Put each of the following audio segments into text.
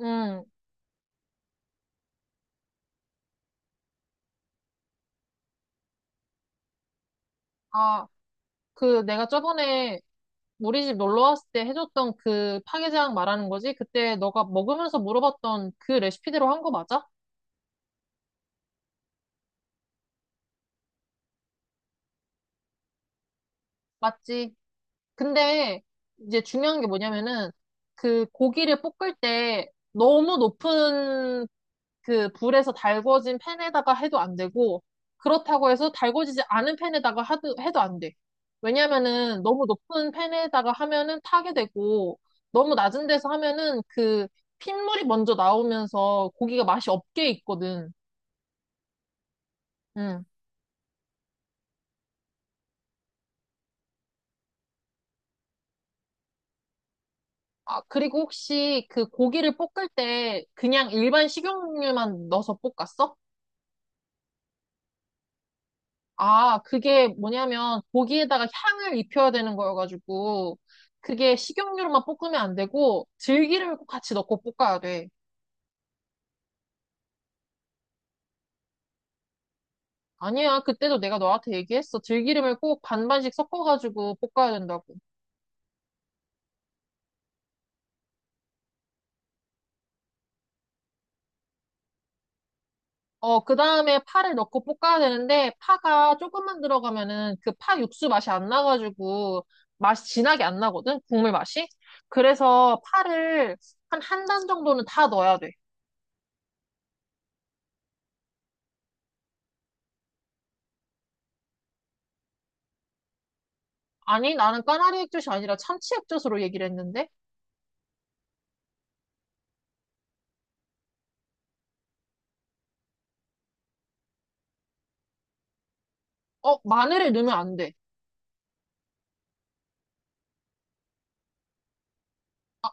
응. 아, 그 내가 저번에 우리 집 놀러 왔을 때 해줬던 그 파게장 말하는 거지? 그때 너가 먹으면서 물어봤던 그 레시피대로 한 거 맞아? 맞지? 근데 이제 중요한 게 뭐냐면은 그 고기를 볶을 때 너무 높은 그 불에서 달궈진 팬에다가 해도 안 되고, 그렇다고 해서 달궈지지 않은 팬에다가 해도 안 돼. 왜냐면은 너무 높은 팬에다가 하면은 타게 되고, 너무 낮은 데서 하면은 그 핏물이 먼저 나오면서 고기가 맛이 없게 있거든. 음. 아, 그리고 혹시 그 고기를 볶을 때 그냥 일반 식용유만 넣어서 볶았어? 아, 그게 뭐냐면 고기에다가 향을 입혀야 되는 거여가지고 그게 식용유로만 볶으면 안 되고 들기름을 꼭 같이 넣고 볶아야 돼. 아니야, 그때도 내가 너한테 얘기했어. 들기름을 꼭 반반씩 섞어가지고 볶아야 된다고. 어, 그 다음에 파를 넣고 볶아야 되는데 파가 조금만 들어가면은 그 파 육수 맛이 안 나가지고 맛이 진하게 안 나거든? 국물 맛이? 그래서 파를 한 한 단 정도는 다 넣어야 돼. 아니, 나는 까나리 액젓이 아니라 참치 액젓으로 얘기를 했는데? 어, 마늘을 넣으면 안 돼.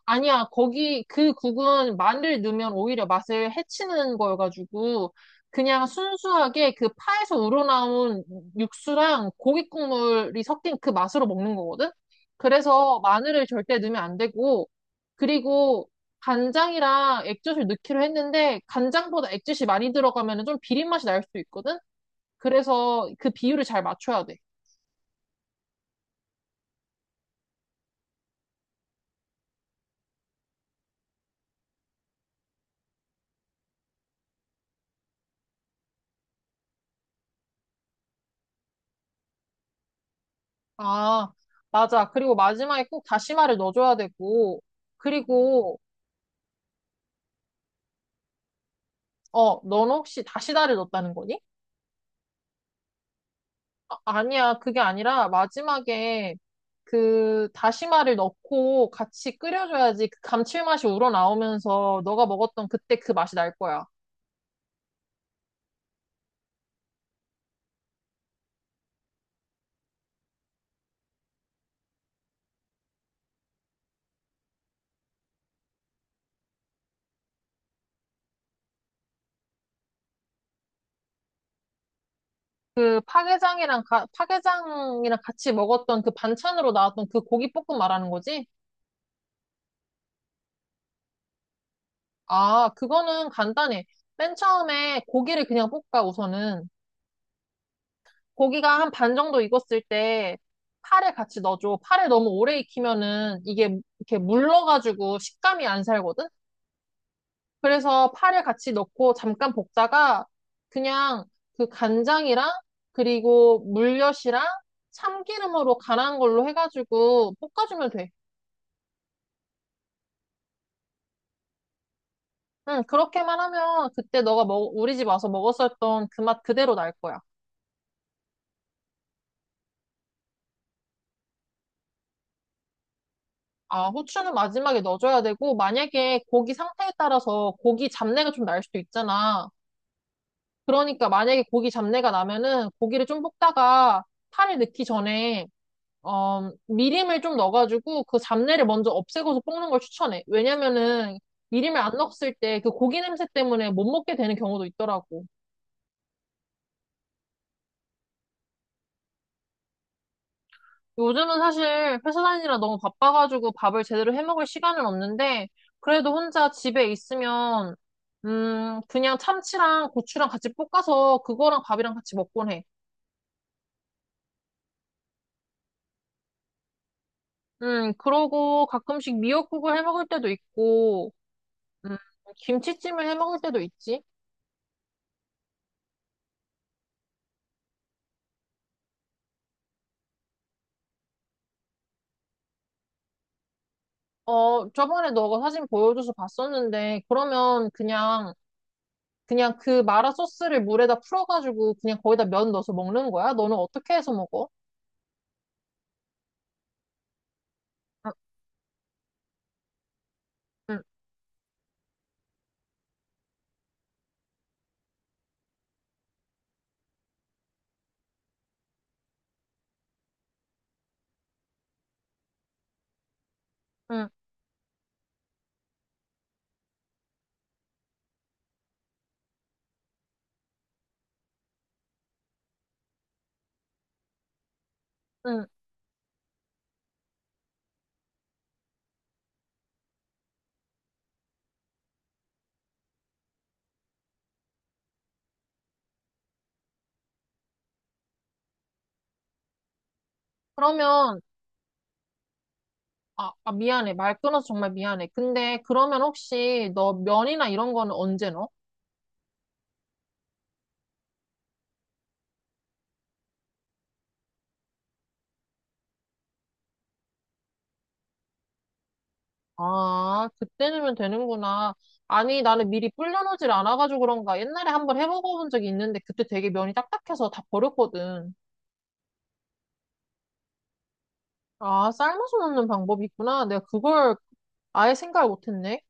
아, 니야 거기 그 국은 마늘을 넣으면 오히려 맛을 해치는 거여가지고 그냥 순수하게 그 파에서 우러나온 육수랑 고기 국물이 섞인 그 맛으로 먹는 거거든? 그래서 마늘을 절대 넣으면 안 되고 그리고 간장이랑 액젓을 넣기로 했는데 간장보다 액젓이 많이 들어가면 좀 비린 맛이 날 수도 있거든? 그래서 그 비율을 잘 맞춰야 돼. 아, 맞아. 그리고 마지막에 꼭 다시마를 넣어줘야 되고, 그리고, 어, 넌 혹시 다시다를 넣었다는 거니? 아, 아니야. 그게 아니라 마지막에 그 다시마를 넣고 같이 끓여줘야지 그 감칠맛이 우러나오면서 너가 먹었던 그때 그 맛이 날 거야. 그 파게장이랑, 파게장이랑 같이 먹었던 그 반찬으로 나왔던 그 고기볶음 말하는 거지? 아, 그거는 간단해. 맨 처음에 고기를 그냥 볶아, 우선은. 고기가 한 반 정도 익었을 때 파를 같이 넣어줘. 파를 너무 오래 익히면은 이게 이렇게 물러가지고 식감이 안 살거든? 그래서 파를 같이 넣고 잠깐 볶다가 그냥 그 간장이랑 그리고 물엿이랑 참기름으로 간한 걸로 해가지고 볶아주면 돼. 응, 그렇게만 하면 그때 우리 집 와서 먹었었던 그 맛 그대로 날 거야. 아, 후추는 마지막에 넣어줘야 되고, 만약에 고기 상태에 따라서 고기 잡내가 좀 날 수도 있잖아. 그러니까 만약에 고기 잡내가 나면은 고기를 좀 볶다가 파를 넣기 전에 미림을 좀 넣어가지고 그 잡내를 먼저 없애고서 볶는 걸 추천해. 왜냐면은 미림을 안 넣었을 때 그 고기 냄새 때문에 못 먹게 되는 경우도 있더라고. 요즘은 사실 회사 다니느라 너무 바빠가지고 밥을 제대로 해 먹을 시간은 없는데 그래도 혼자 집에 있으면 그냥 참치랑 고추랑 같이 볶아서 그거랑 밥이랑 같이 먹곤 해. 그러고 가끔씩 미역국을 해 먹을 때도 있고, 음, 김치찜을 해 먹을 때도 있지. 어, 저번에 너가 사진 보여줘서 봤었는데, 그러면 그냥, 그냥 그 마라 소스를 물에다 풀어가지고 그냥 거기다 면 넣어서 먹는 거야? 너는 어떻게 해서 먹어? 응, 응, 응, 응. 그러면, 아, 아, 미안해. 말 끊어서 정말 미안해. 근데 그러면 혹시 너 면이나 이런 거는 언제 넣어? 아, 그때 넣으면 되는구나. 아니, 나는 미리 불려놓질 않아가지고 그런가. 옛날에 한번 해먹어본 적이 있는데 그때 되게 면이 딱딱해서 다 버렸거든. 아, 삶아서 넣는 방법이 있구나. 내가 그걸 아예 생각을 못했네.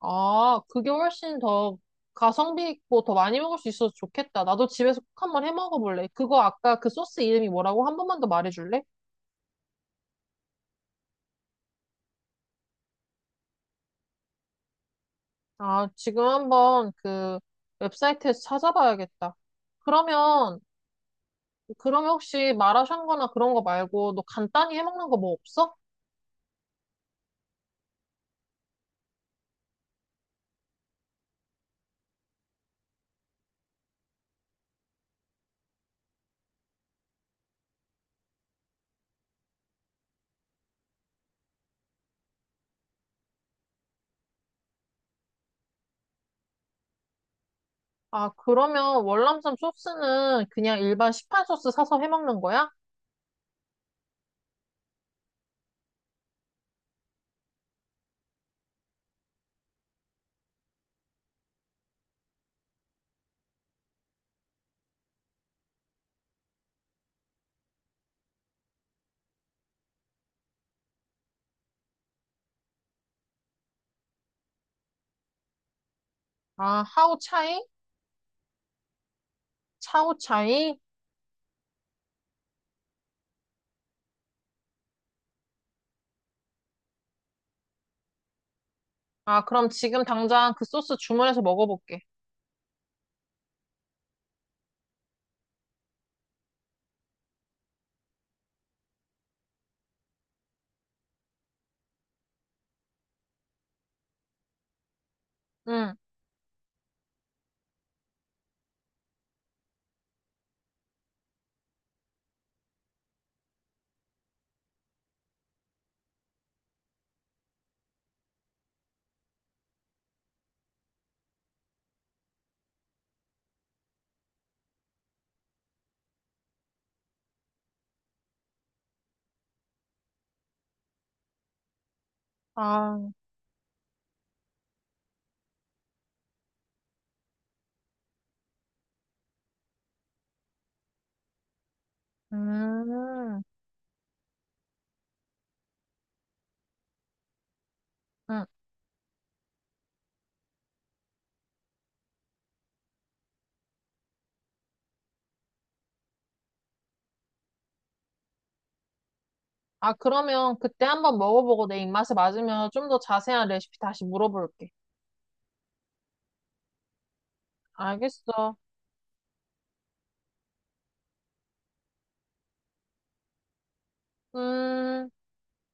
아, 그게 훨씬 더 가성비 있고 더 많이 먹을 수 있어서 좋겠다. 나도 집에서 꼭 한번 해 먹어볼래. 그거 아까 그 소스 이름이 뭐라고 한 번만 더 말해줄래? 아, 지금 한번 그 웹사이트에서 찾아봐야겠다. 그러면 그러면 혹시 마라샹궈나 그런 거 말고 너 간단히 해먹는 거 뭐 없어? 아, 그러면 월남쌈 소스는 그냥 일반 시판 소스 사서 해먹는 거야? 아, 하오차이? 차오차이? 아, 그럼 지금 당장 그 소스 주문해서 먹어볼게. 응. 아, 음. 응. 아, 그러면 그때 한번 먹어보고 내 입맛에 맞으면 좀 더 자세한 레시피 다시 물어볼게. 알겠어. 음.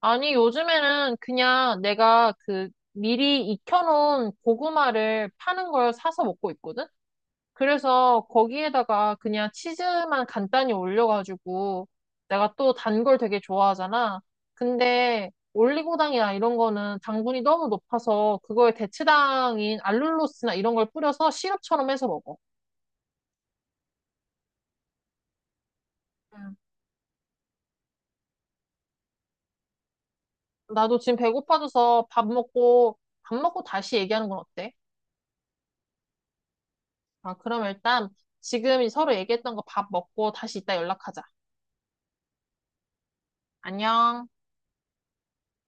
아니, 요즘에는 그냥 내가 그 미리 익혀놓은 고구마를 파는 걸 사서 먹고 있거든? 그래서 거기에다가 그냥 치즈만 간단히 올려가지고 내가 또 단 걸 되게 좋아하잖아. 근데 올리고당이나 이런 거는 당분이 너무 높아서 그거에 대체당인 알룰로스나 이런 걸 뿌려서 시럽처럼 해서 먹어. 음. 나도 지금 배고파져서 밥 먹고, 밥 먹고 다시 얘기하는 건 어때? 아, 그럼 일단 지금 서로 얘기했던 거 밥 먹고 다시 이따 연락하자. 안녕.